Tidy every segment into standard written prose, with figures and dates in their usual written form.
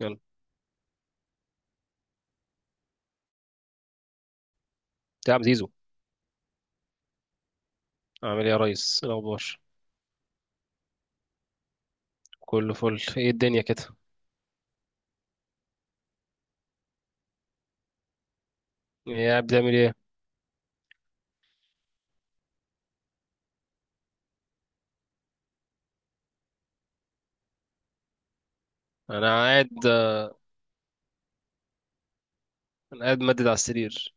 يلا يا عم زيزو، عامل ايه يا ريس؟ إيه الاخبار؟ كله فل. ايه الدنيا كده؟ ايه قاعد بتعمل ايه؟ انا قاعد، انا قاعد مدد على السرير.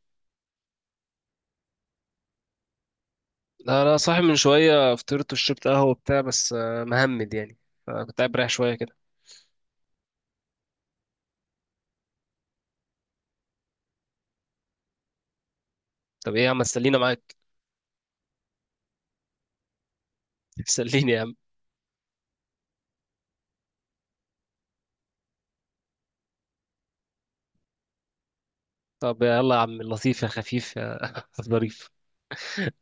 لا لا صاحي من شويه، فطرت وشربت قهوه وبتاع بس مهمد يعني، فكنت قاعد رايح شويه كده. طب ايه يا عم؟ سلينا معاك. سليني يا عم. طب يلا يا عم اللطيف يا خفيف يا ظريف،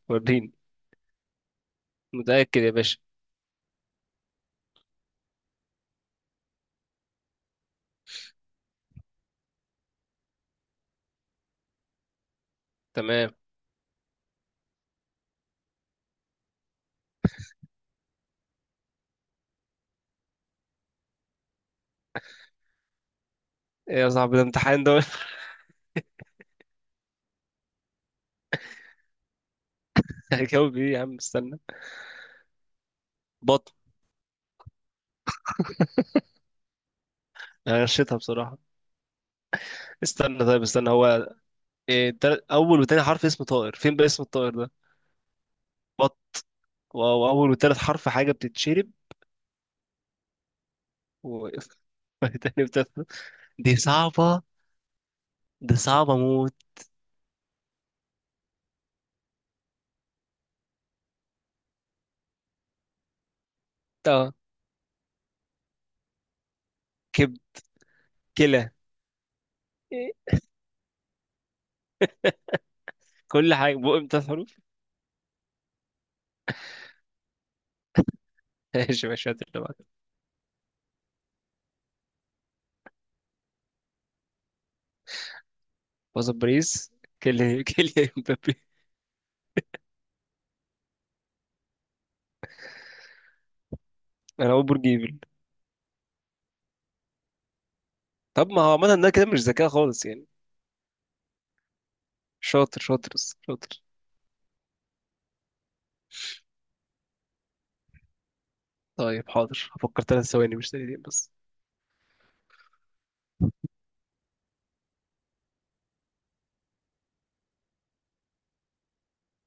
وريني. متاكد يا باشا. تمام. ايه يا صاحبي؟ ده امتحان ده ولا؟ هجاوب ايه يا عم؟ استنى. بطن. أنا غشيتها بصراحه. استنى طيب، استنى هو اول وتاني حرف اسم طائر، فين بقى اسم الطائر ده؟ بط. واول وتالت حرف حاجه بتتشرب. و... تاني وتالت، دي صعبه، دي صعبه موت. اه. كب. كلى. إيه، كل حاجه بقى بتلات حروف؟ ماشي ماشي، هات اللي بعده. وسط باريس؟ كيليان، كيليان مبابي. انا اقول برج ايفل. طب ما هو عملنا ده كده مش ذكاء خالص يعني. شاطر شاطر بس شاطر. طيب حاضر، هفكر ثلاث ثواني مش ثانيتين بس.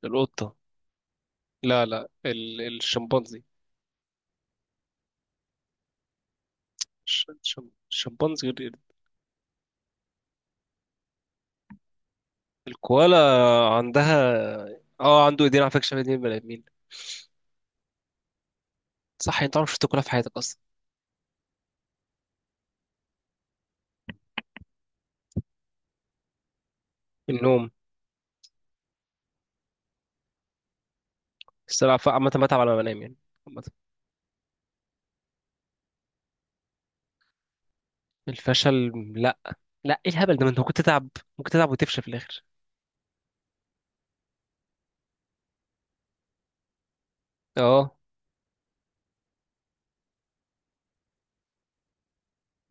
القطه. لا لا، الشمبانزي. الشمبانزي غير. الكوالا. عندها. اه عنده ايدين على فكره شبه ايدين البني ادمين. صح انت عمرك شفت كولا في حياتك اصلا؟ النوم. الصراحه عامه بتعب على ما بنام يعني، عامه. الفشل؟ لا، لا، ايه الهبل ده؟ ما انت ممكن تتعب، ممكن تتعب وتفشل في الاخر. اه.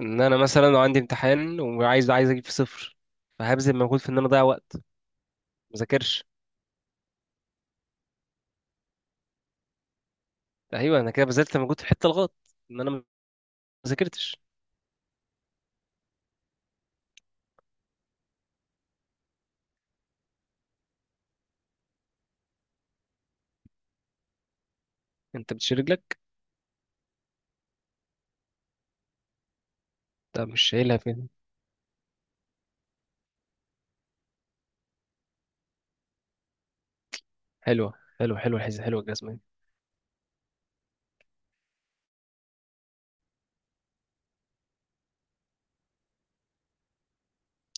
ان انا مثلا لو عندي امتحان وعايز، عايز اجيب في صفر، فهبذل مجهود في ان انا اضيع وقت. ما اذاكرش. ايوه انا كده بذلت مجهود في الحته الغلط، ان انا ما ذاكرتش. انت بتشيل رجلك؟ طب مش شايلها فين؟ حلوه حلوه حلوه الحزه، حلوه الجزمه دي.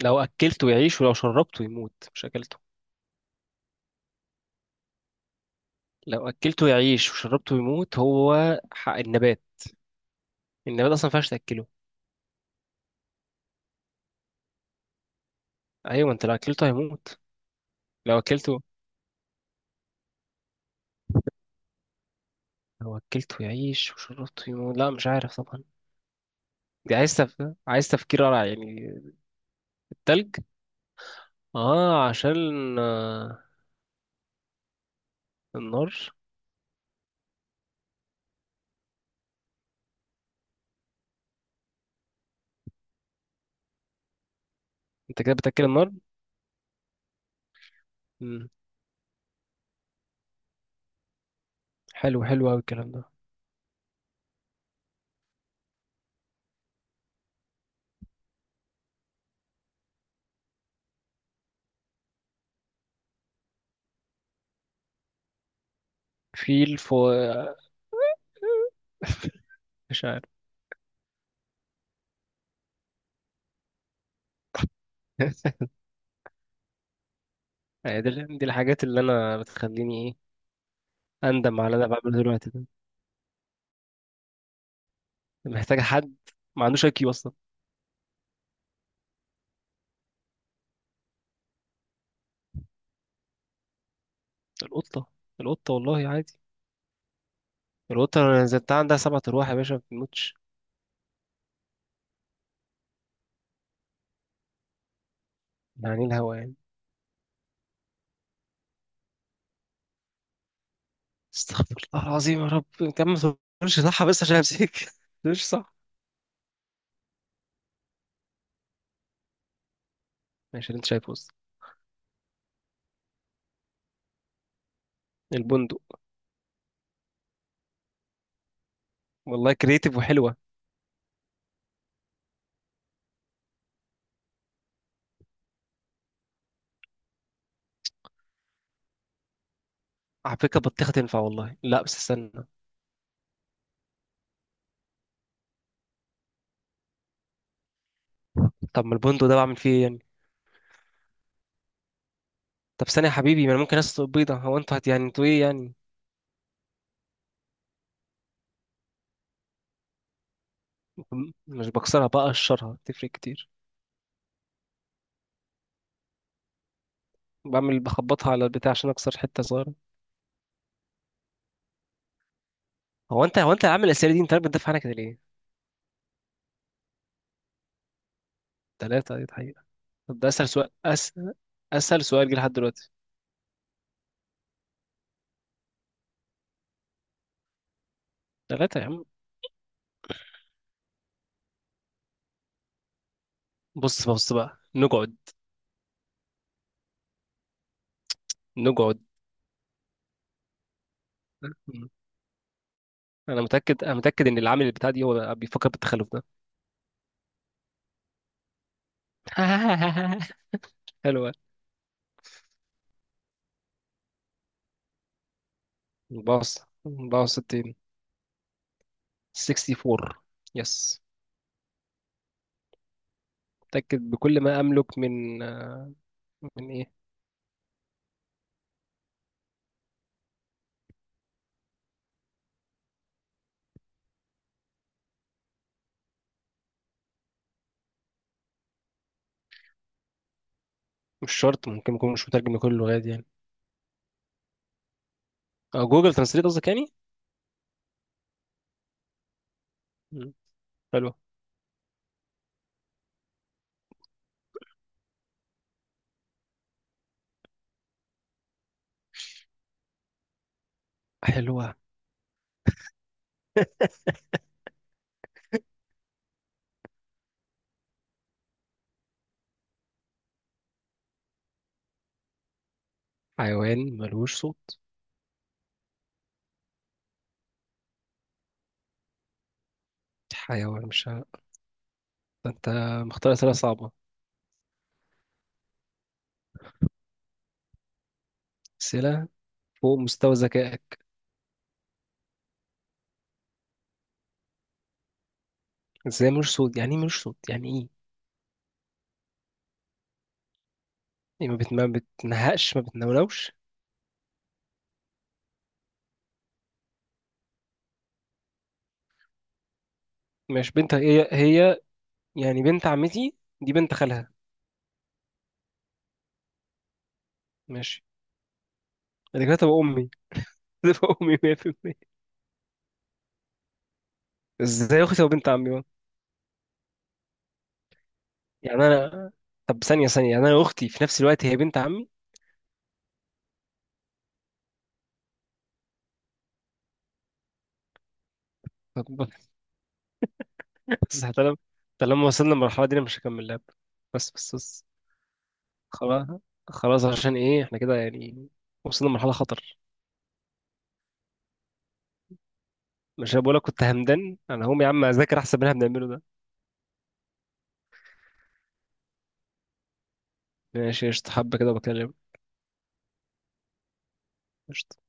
لو اكلته يعيش ولو شربته يموت، مش اكلته. لو اكلته يعيش وشربته يموت، هو حق النبات. النبات اصلا ما ينفعش تاكله. ايوه انت لو اكلته هيموت. لو اكلته. لو اكلته يعيش وشربته يموت؟ لا مش عارف طبعا. دي عايز عايز تفكير رائع يعني. التلج. اه عشان آه، النار. انت كده بتاكل النار. مم. حلو، حلو قوي الكلام ده. في الفو. مش عارف. يعني دي، دي الحاجات اللي انا بتخليني ايه، اندم على اللي انا بعمله دلوقتي ده. محتاج حد ما عندوش اي كيو. القطة، القطة والله عادي. القطة لو نزلتها عندها سبع أرواح يا باشا، ما بتموتش. يعني الهوا يعني. استغفر الله العظيم يا رب، انت يا عم ما تقولش صح بس عشان امسك مش صح. ماشي اللي انت شايفه بس. البندق. والله كريتيف وحلوة. على فكرة بطيخة تنفع والله، لا بس استنى. طب ما البندق ده بعمل فيه ايه يعني؟ طب ثانية يا حبيبي، ما انا ممكن اسلق بيضة. هو انتوا هت يعني انتوا ايه يعني؟ مش بكسرها بقى، اقشرها تفرق كتير. بعمل بخبطها على البتاع عشان اكسر حتة صغيرة. هو انت عامل الاسئلة دي، انت عارف بتدافع عنها كده ليه؟ تلاتة. طب ده اسهل سؤال اسهل سؤال جه لحد دلوقتي. ثلاثة يا عم. بص بقى، نقعد، نقعد. مم. انا متأكد ان العامل بتاع دي هو بيفكر بالتخلف ده. حلوة. باص، باص 60. 64. يس. متأكد بكل ما املك من من ايه. مش شرط، ممكن يكون مش مترجم لكل اللغات يعني. جوجل ترانسليت قصدك يعني. مم. حلوة. حلوة. حيوان ملوش صوت؟ حيوان مش ه- ده انت مختار اسئله صعبه، اسئله فوق مستوى ذكائك. ازاي ملوش صوت؟ يعني ايه ملوش صوت يعني ايه؟ ما بتنهقش ما بتنونوش. ماشي، بنت هي يعني بنت عمتي، دي بنت خالها. ماشي، انا كده تبقى امي. تبقى امي 100%. ازاي اختي تبقى بنت عمي بقى؟ يعني انا، طب ثانيه، يعني انا اختي في نفس الوقت هي بنت عمي؟ طب بس طالما وصلنا للمرحله دي انا مش هكمل لعب. بس، خلاص، خلاص. عشان ايه احنا كده يعني؟ وصلنا لمرحله خطر. مش انا بقولك كنت همدان؟ انا هقوم يا عم اذاكر احسن من اللي احنا بنعمله ده. ماشي قشطة، حبة كده بكلم. قشطة.